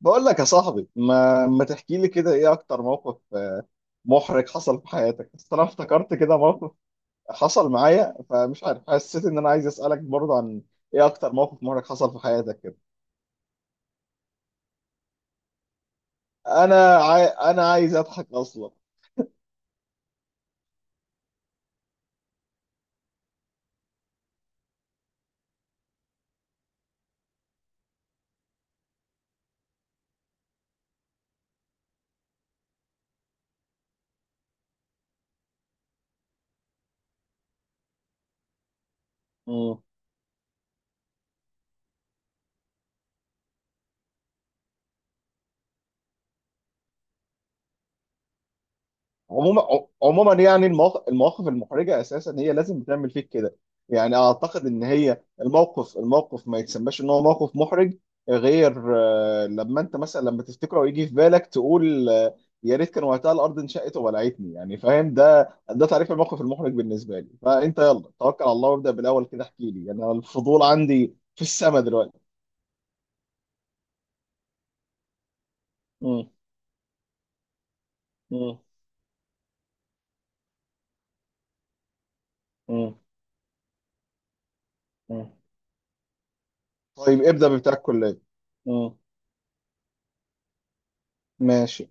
بقول لك يا صاحبي، ما تحكي لي كده ايه اكتر موقف محرج حصل في حياتك؟ بس انا افتكرت كده موقف حصل معايا، فمش عارف، حسيت ان انا عايز اسالك برضه عن ايه اكتر موقف محرج حصل في حياتك كده. انا عايز اضحك اصلا. عموما يعني المواقف المحرجه اساسا هي لازم بتعمل فيك كده، يعني اعتقد ان هي الموقف ما يتسماش ان هو موقف محرج غير لما انت مثلا لما تفتكره ويجي في بالك تقول آه، يا ريت كان وقتها الارض انشقت وبلعتني. يعني فاهم، ده تعريف الموقف المحرج بالنسبه لي. فانت يلا توكل على الله وابدا بالاول كده، احكي لي، يعني انا الفضول عندي في السما دلوقتي. مم. مم. مم. مم. طيب ابدا بتاع الكليه. مم. ماشي،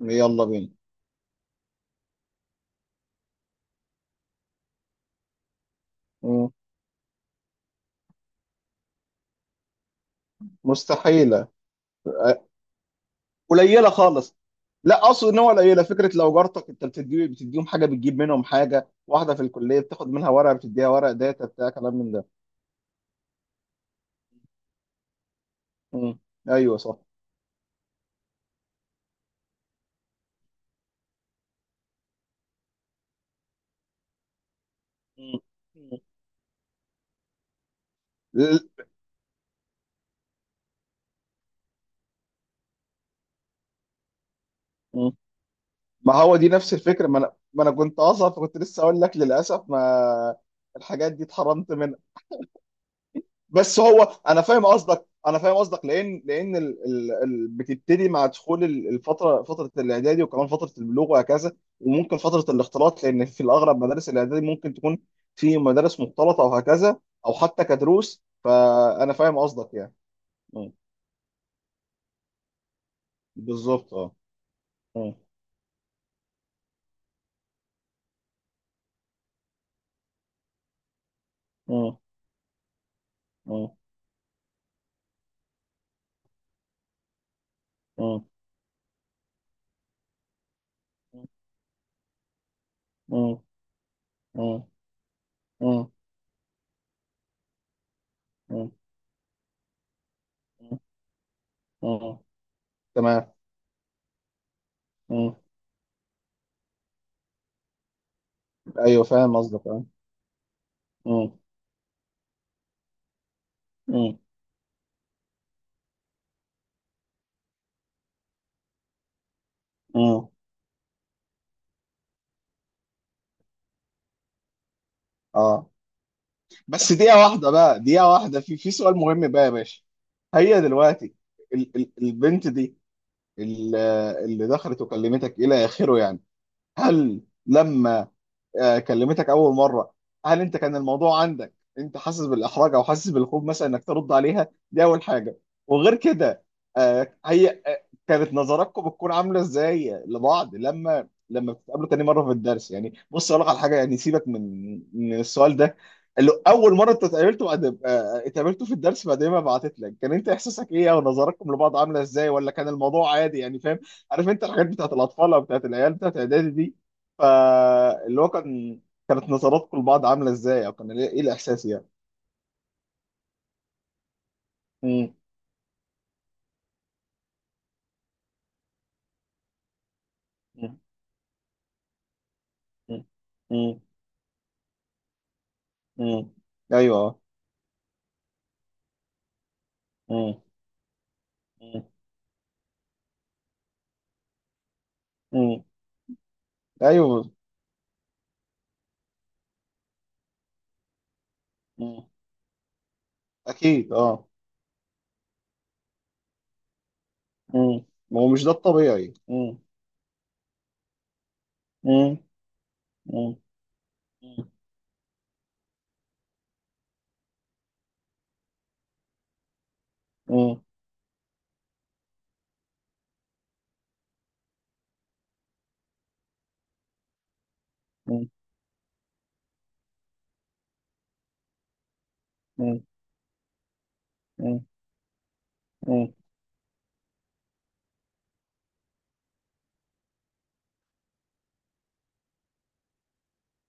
يلا بينا. مم. مستحيله. أه، قليله خالص. لا، اقصد ان هو قليله، فكره لو جارتك انت بتديهم حاجه بتجيب منهم حاجه، واحده في الكليه بتاخد منها ورقه بتديها ورق داتا بتاع كلام من ده. مم. ايوه صح. مم. مم. ل- مم. ما هو دي نفس الفكره، ما انا كنت اصلا، فكنت لسه اقول لك للاسف ما الحاجات دي اتحرمت، بس هو انا فاهم قصدك، انا فاهم قصدك، لان بتبتدي مع دخول ال- الفتره فتره الاعدادي، وكمان فتره البلوغ، وهكذا، وممكن فتره الاختلاط، لان في الاغلب مدارس الاعدادي ممكن تكون في مدارس مختلطه او هكذا، او حتى كدروس. فانا فاهم قصدك يعني. مم. بالظبط اه. مم. مم. مم. مم. مم. مم. مم. مم. مم. تمام. مم. ايوه فاهم قصدك اه. مم. مم. مم. اه. بس دقيقة واحدة بقى، دقيقة واحدة، في سؤال مهم بقى يا باشا. هي دلوقتي ال ال البنت دي، ال- اللي دخلت وكلمتك إلى آخره يعني، هل لما كلمتك اول مره، هل انت كان الموضوع عندك انت حاسس بالاحراج او حاسس بالخوف مثلا انك ترد عليها؟ دي اول حاجه. وغير كده هي كانت نظراتكم بتكون عامله ازاي لبعض لما بتتقابلوا تاني مره في الدرس يعني؟ بص اقول لك على حاجه، يعني سيبك من السؤال ده، اللي اول مره انت اتقابلتوا بعد اتقابلتوا في الدرس بعد ما بعتت لك، كان انت احساسك ايه او نظراتكم لبعض عامله ازاي؟ ولا كان الموضوع عادي يعني، فاهم؟ عارف انت الحاجات بتاعت الاطفال او بتاعت العيال بتاعت اعدادي دي، فاللي هو كانت نظراتكم لبعض عامله ازاي، او كان إيه الاحساس يعني؟ مم. مم. مم. مم. مم. ايوه آه. مم. مم. مم. ايوه. مم. اكيد اه. مم. ما هو مش ده الطبيعي. مم. مم. مم. مم. مم. مم. مم. مم.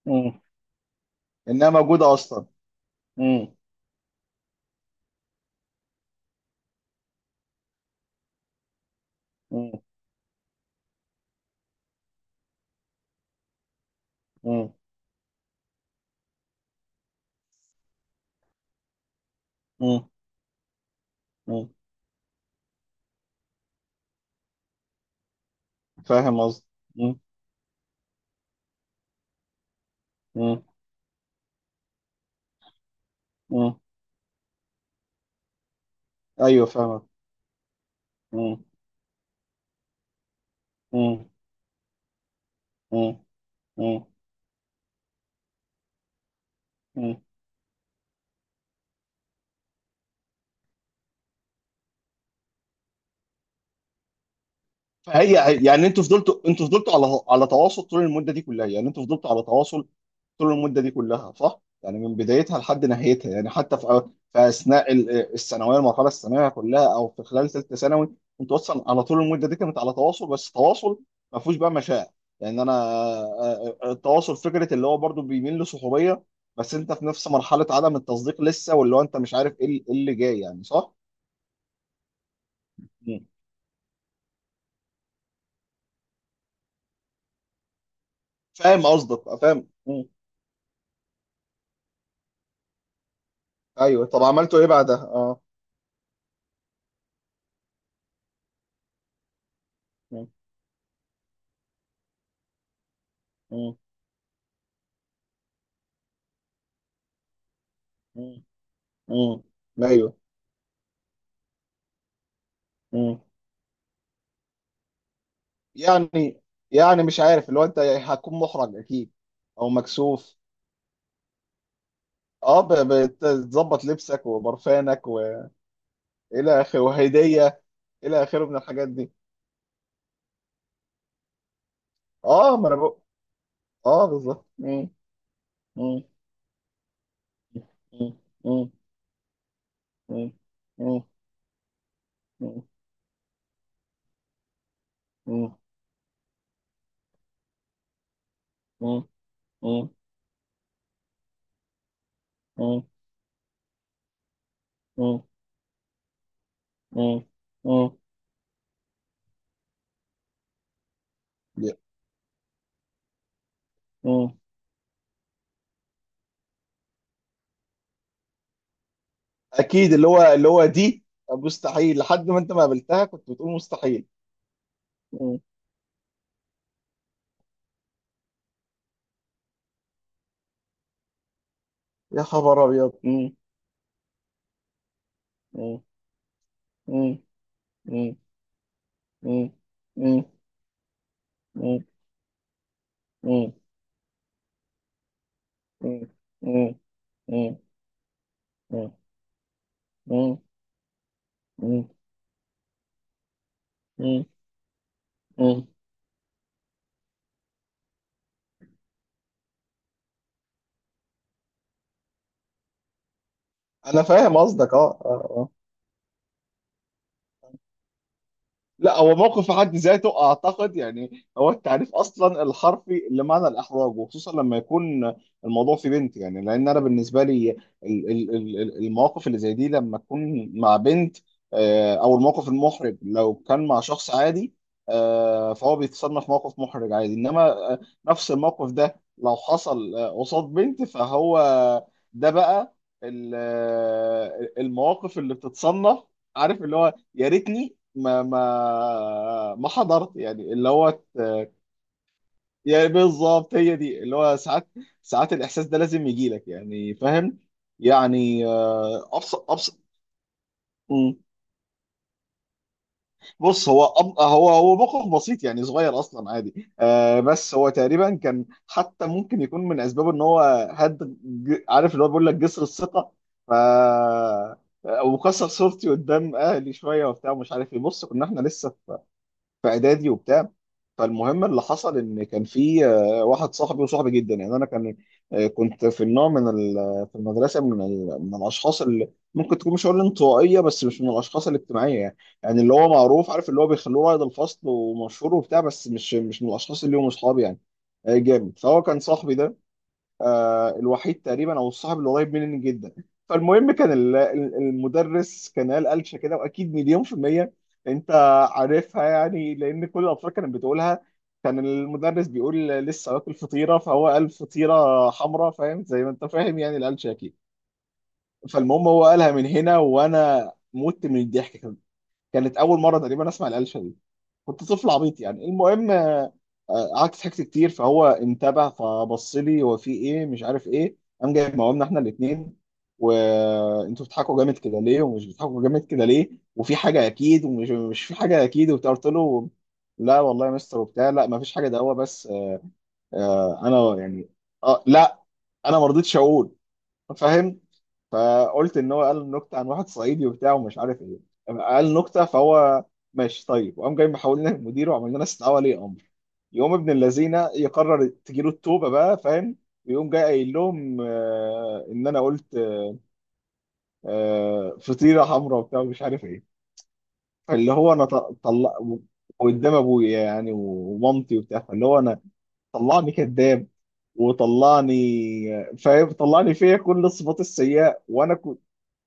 مم. انها موجوده اصلا. مم. مم. مم. مم. مم. فاهم قصدي. مم. مم. مم. ايوه فاهمك. مم. مم. مم. مم. فهي يعني، انتوا فضلتوا على تواصل طول المده دي كلها، يعني انتوا فضلتوا على تواصل طول المده دي كلها صح؟ يعني من بدايتها لحد نهايتها، يعني حتى في اثناء ال- الثانويه المرحله الثانويه كلها، او في خلال ثالثه ثانوي، انتوا اصلا على طول المده دي كانت على تواصل، بس تواصل ما فيهوش بقى مشاعر، يعني انا التواصل فكره اللي هو برضو بيميل لصحوبيه، بس انت في نفس مرحله عدم التصديق لسه، واللي هو انت مش عارف ايه اللي إيه اللي جاي يعني صح؟ مم. فاهم قصدك فاهم. ايوه، طب عملتوا ايه بعدها؟ اه. مم. مم. مم. مم. ايوه. مم. يعني يعني مش عارف، اللي هو انت هتكون محرج اكيد، او مكسوف. اه، بتظبط لبسك وبرفانك والى اخره وهديه، الى اخره من الحاجات دي. اه ما انا بقول. اه بالظبط. مم. مم. مم. مم. مم. مم. مم. مم. مم. مم. مم. مم. مم. اكيد، اللي هو دي مستحيل. لحد ما انت ما قابلتها كنت بتقول مستحيل. مم. يا خبر ابيض. مم. مم. مم. مم. مم. مم. مم. مم. مم. مم. مم. مم. مم. مم. مم. انا فاهم قصدك اه اه. آه. لا، هو موقف في حد ذاته اعتقد، يعني هو التعريف اصلا الحرفي لمعنى الاحراج، وخصوصا لما يكون الموضوع في بنت، يعني لان انا بالنسبه لي المواقف اللي زي دي لما تكون مع بنت، او الموقف المحرج لو كان مع شخص عادي، فهو بيتصنف موقف محرج عادي، انما نفس الموقف ده لو حصل قصاد بنت، فهو ده بقى المواقف اللي بتتصنف، عارف اللي هو يا ريتني ما حضرت، يعني اللي هو يعني بالظبط، هي دي اللي هو ساعات الإحساس ده لازم يجي لك، يعني فاهم، يعني أبسط. مم. بص، هو هو موقف بسيط، يعني صغير أصلا عادي، بس هو تقريبا كان، حتى ممكن يكون من أسبابه إن هو عارف اللي هو بيقول لك جسر الثقة، ف وكسر صورتي قدام أهلي شوية وبتاع، مش عارف إيه، بص كنا إحنا لسه في اعدادي وبتاع. فالمهم اللي حصل ان كان في واحد صاحبي وصاحبي جدا، يعني انا كان كنت في النوع من في المدرسه من من الاشخاص اللي ممكن تكون، مش هقول انطوائيه بس مش من الاشخاص الاجتماعيه، يعني، يعني اللي هو معروف، عارف اللي هو بيخلوه قائد الفصل ومشهور وبتاع، بس مش من الاشخاص اللي هم اصحابي، يعني جامد. فهو كان صاحبي ده الوحيد تقريبا، او الصاحب اللي قريب مني جدا. فالمهم كان المدرس كان قال قلشه كده، واكيد مليون في الميه انت عارفها يعني، لان كل الاطفال كانت بتقولها. كان المدرس بيقول لسه واكل فطيره، فهو قال فطيره حمراء، فاهم زي ما انت فاهم، يعني القلشه اكيد. فالمهم هو قالها من هنا، وانا مت من الضحك، كانت اول مره تقريبا اسمع القلشه دي، كنت طفل عبيط يعني. المهم قعدت ضحكت كتير، فهو انتبه فبص لي، هو في ايه، مش عارف ايه، قام جايب مقاومنا احنا الاثنين، وانتوا بتضحكوا جامد كده ليه، ومش بتضحكوا جامد كده ليه، وفي حاجه اكيد، ومش مش في حاجه اكيد وبتاع. قلت له: لا والله يا مستر وبتاع، لا ما فيش حاجه، ده هو بس آه، انا يعني، اه لا انا ما رضيتش اقول، فاهم. فقلت ان هو قال نكته عن واحد صعيدي وبتاع، ومش عارف ايه، قال نكته. فهو ماشي طيب. وقام جاي محول لنا المدير، وعمل لنا استدعاء ولي امر، يقوم ابن اللذينه يقرر تجيله التوبه بقى، فاهم؟ ويقوم جاي قايل لهم ان انا قلت فطيره حمراء وبتاع، ومش عارف ايه، فاللي هو انا طلع قدام ابويا يعني ومامتي وبتاع. فاللي هو انا طلعني كذاب، وطلعني، فاهم، طلعني فيا كل الصفات السيئه، وانا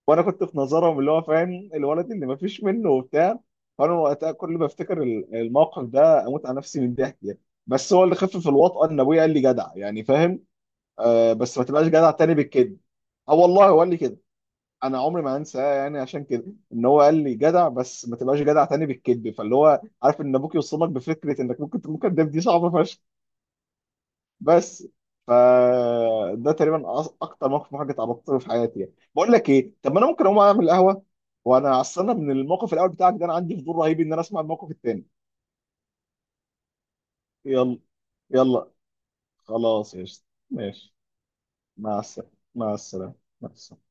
وانا كنت في نظرهم اللي هو، فاهم، الولد اللي مفيش منه وبتاع. فانا وقتها كل ما افتكر الموقف ده اموت على نفسي من الضحك يعني. بس هو اللي خفف الوطأة ان ابويا قال لي جدع، يعني فاهم، آه، بس ما تبقاش جدع تاني بالكده. اه والله هو قال لي كده. انا عمري ما هنساه يعني عشان كده، ان هو قال لي جدع بس ما تبقاش جدع تاني بالكذب، فاللي هو عارف ان ابوك يوصمك بفكره انك ممكن تكون كداب، دي صعبه فشخ. بس ف ده تقريبا اكتر موقف محرج اتعرضت له في حياتي، يعني بقول لك ايه، طب ما انا ممكن اقوم اعمل قهوه، وانا اصل انا من الموقف الاول بتاعك ده انا عندي فضول رهيب ان انا اسمع الموقف التاني. يلا. يلا. خلاص يا شيخ. ماشي، مع السلامه، مع السلامه، مع السلامه.